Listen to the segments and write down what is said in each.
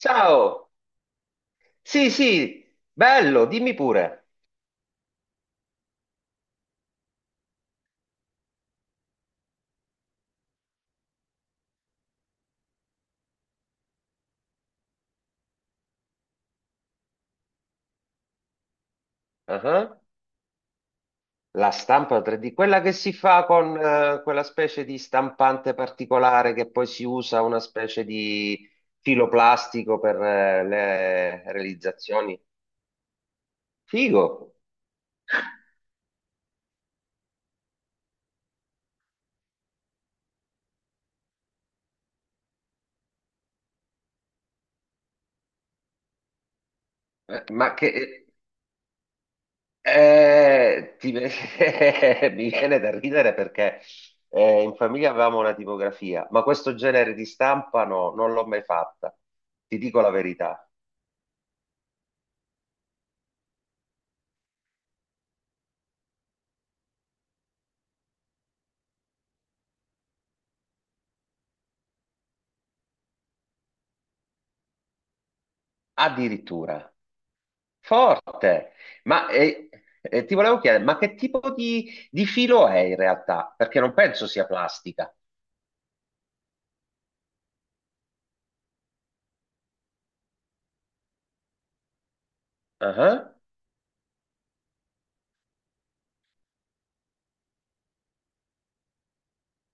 Ciao! Sì, sì, bello, dimmi pure. Ah, la stampa 3D, quella che si fa con quella specie di stampante particolare che poi si usa una specie di filo plastico per le realizzazioni. Figo! Eh, ma che... Mi viene da ridere perché in famiglia avevamo una tipografia, ma questo genere di stampa no, non l'ho mai fatta, ti dico la verità. Addirittura. Forte, ma ti volevo chiedere, ma che tipo di filo è in realtà? Perché non penso sia plastica. Ah,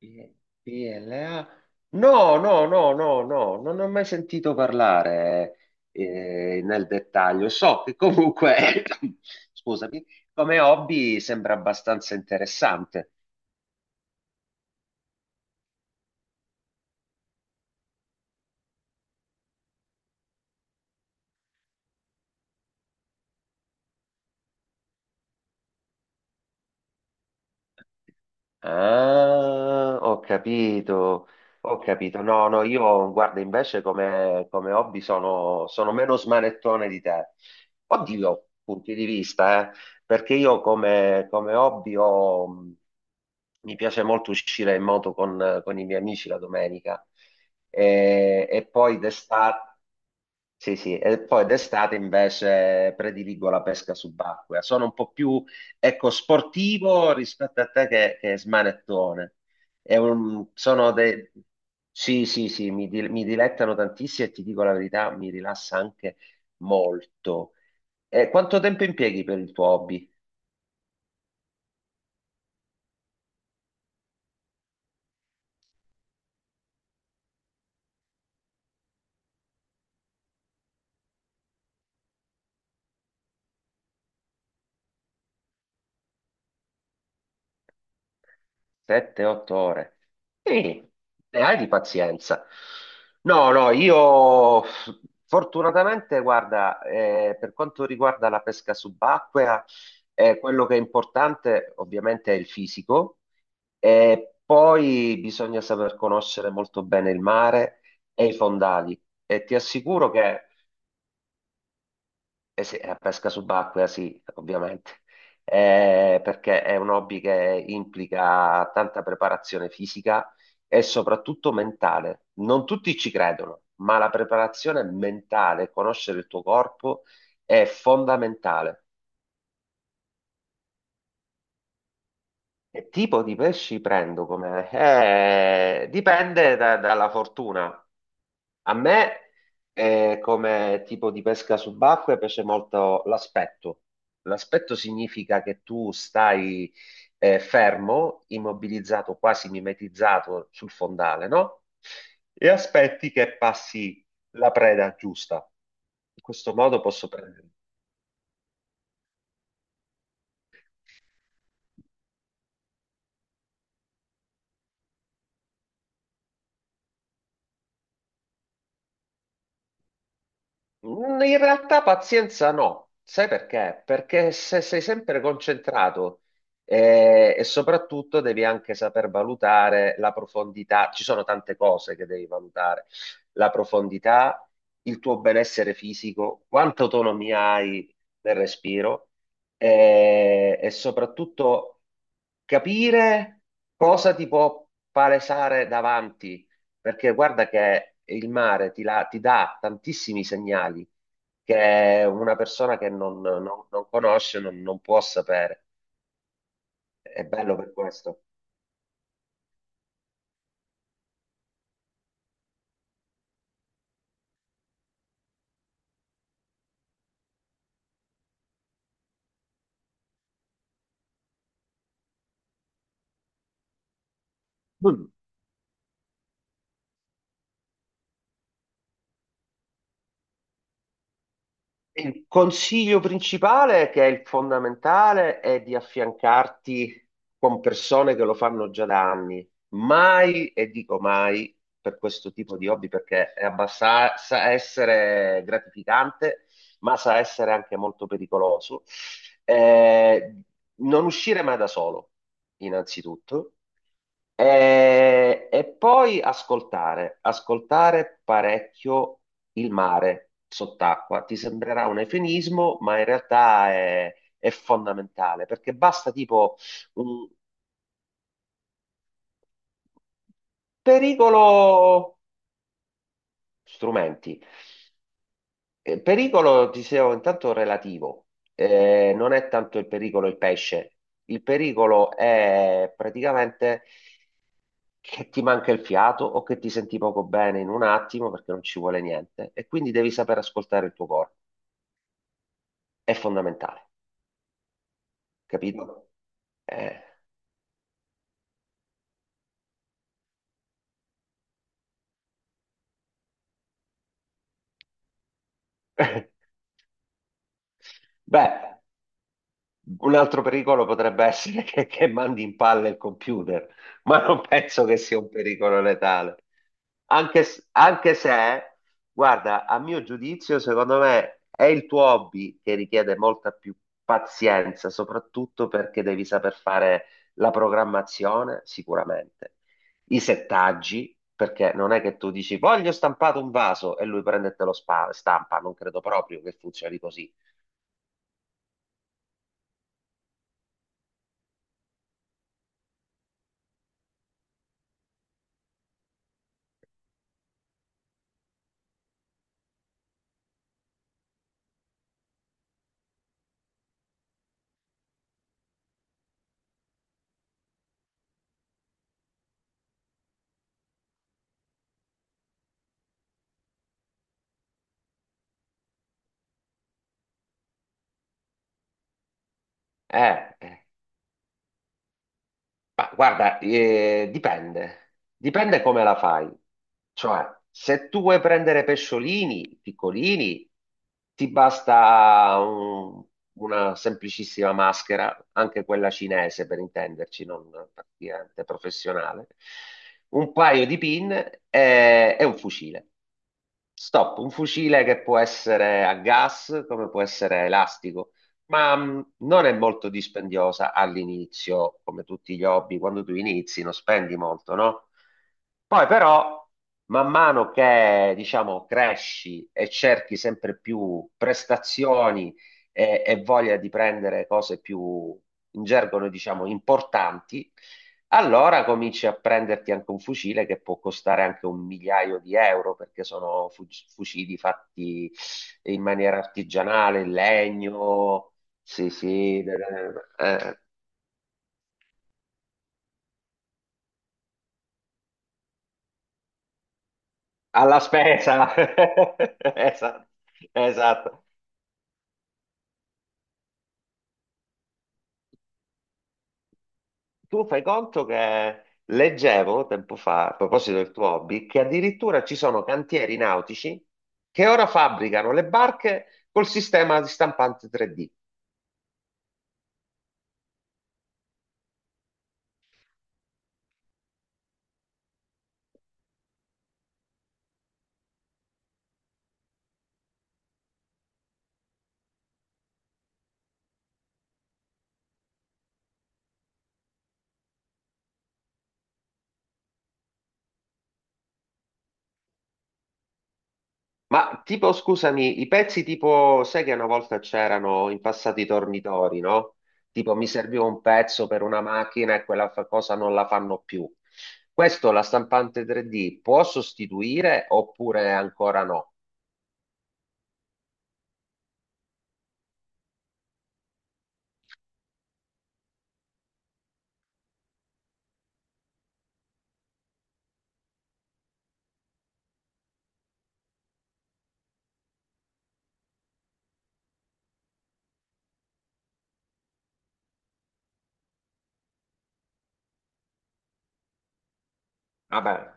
I- PLA? No, no, no, no, no, non ne ho mai sentito parlare nel dettaglio. So che comunque, scusami, come hobby sembra abbastanza interessante. Ah, ho capito, ho capito. No, no, io guarda, invece come hobby sono meno smanettone di te. Oddio, punti di vista, perché io come hobby ho, mi piace molto uscire in moto con i miei amici la domenica e poi d'estate. Sì, sì, e poi d'estate invece prediligo la pesca subacquea. Sono un po' più, ecco, sportivo rispetto a te che smanettone. Sono dei... Sì, sì, sì, mi dilettano tantissimo e ti dico la verità, mi rilassa anche molto. E quanto tempo impieghi per il tuo hobby? 7-8 ore. Sì, ne hai di pazienza. No, no, io fortunatamente, guarda, per quanto riguarda la pesca subacquea, quello che è importante ovviamente è il fisico e poi bisogna saper conoscere molto bene il mare e i fondali. E ti assicuro che eh sì, la pesca subacquea sì, ovviamente. Perché è un hobby che implica tanta preparazione fisica e soprattutto mentale. Non tutti ci credono, ma la preparazione mentale, conoscere il tuo corpo è fondamentale. Che tipo di pesci prendo come? Dalla fortuna. A me, come tipo di pesca subacquea, piace molto l'aspetto. L'aspetto significa che tu stai fermo, immobilizzato, quasi mimetizzato sul fondale, no? E aspetti che passi la preda giusta. In questo modo posso prendere. Mm, in realtà pazienza no, sai perché? Perché se sei sempre concentrato e soprattutto devi anche saper valutare la profondità, ci sono tante cose che devi valutare, la profondità, il tuo benessere fisico, quanta autonomia hai nel respiro, e soprattutto capire cosa ti può palesare davanti, perché guarda che il mare ti dà tantissimi segnali che una persona che non conosce non può sapere. È bello per questo. Il consiglio principale, che è il fondamentale, è di affiancarti con persone che lo fanno già da anni. Mai, e dico mai, per questo tipo di hobby, perché sa essere gratificante, ma sa essere anche molto pericoloso. Eh, non uscire mai da solo, innanzitutto. E poi ascoltare, ascoltare parecchio il mare sott'acqua. Ti sembrerà un eufemismo, ma in realtà è fondamentale perché basta tipo un pericolo, strumenti. Pericolo, dicevo, intanto relativo. Non è tanto il pericolo il pesce, il pericolo è praticamente che ti manca il fiato o che ti senti poco bene in un attimo perché non ci vuole niente e quindi devi saper ascoltare il tuo corpo. È fondamentale, capito? Eh. Beh, un altro pericolo potrebbe essere che mandi in palle il computer, ma non penso che sia un pericolo letale. Anche, anche se, guarda, a mio giudizio, secondo me è il tuo hobby che richiede molta più pazienza, soprattutto perché devi saper fare la programmazione, sicuramente, i settaggi, perché non è che tu dici voglio stampato un vaso e lui prende e te stampa, non credo proprio che funzioni così. Eh. Ma guarda, dipende, dipende come la fai. Cioè, se tu vuoi prendere pesciolini piccolini, ti basta una semplicissima maschera, anche quella cinese per intenderci, non praticamente professionale, un paio di pin e un fucile. Stop, un fucile che può essere a gas, come può essere elastico. Ma non è molto dispendiosa all'inizio, come tutti gli hobby, quando tu inizi non spendi molto, no? Poi però, man mano che, diciamo, cresci e cerchi sempre più prestazioni e voglia di prendere cose più, in gergo noi diciamo, importanti, allora cominci a prenderti anche un fucile che può costare anche un migliaio di euro, perché sono fucili fatti in maniera artigianale, in legno. Sì, sì, eh, alla spesa. Esatto, esatto. Tu fai conto che leggevo tempo fa, a proposito del tuo hobby, che addirittura ci sono cantieri nautici che ora fabbricano le barche col sistema di stampante 3D. Ma tipo, scusami, i pezzi tipo, sai che una volta c'erano in passato i tornitori, no? Tipo, mi serviva un pezzo per una macchina e quella cosa non la fanno più. Questo la stampante 3D può sostituire oppure ancora no? Vabbè,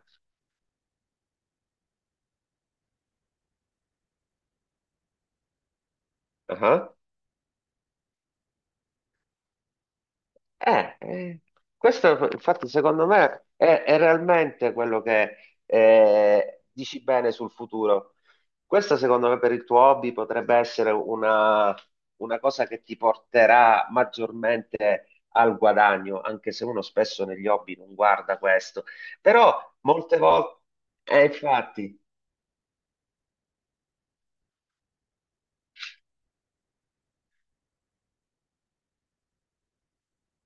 ah. Eh, eh, questo infatti secondo me è realmente quello che dici bene sul futuro. Questa secondo me per il tuo hobby potrebbe essere una cosa che ti porterà maggiormente al guadagno, anche se uno spesso negli hobby non guarda questo. Però molte volte, infatti.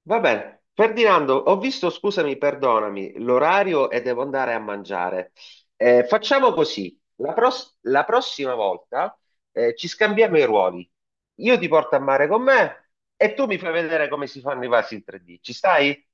Va bene. Ferdinando, ho visto, scusami, perdonami, l'orario e devo andare a mangiare. Facciamo così, la prossima volta ci scambiamo i ruoli. Io ti porto a mare con me e tu mi fai vedere come si fanno i vasi in 3D. Ci stai?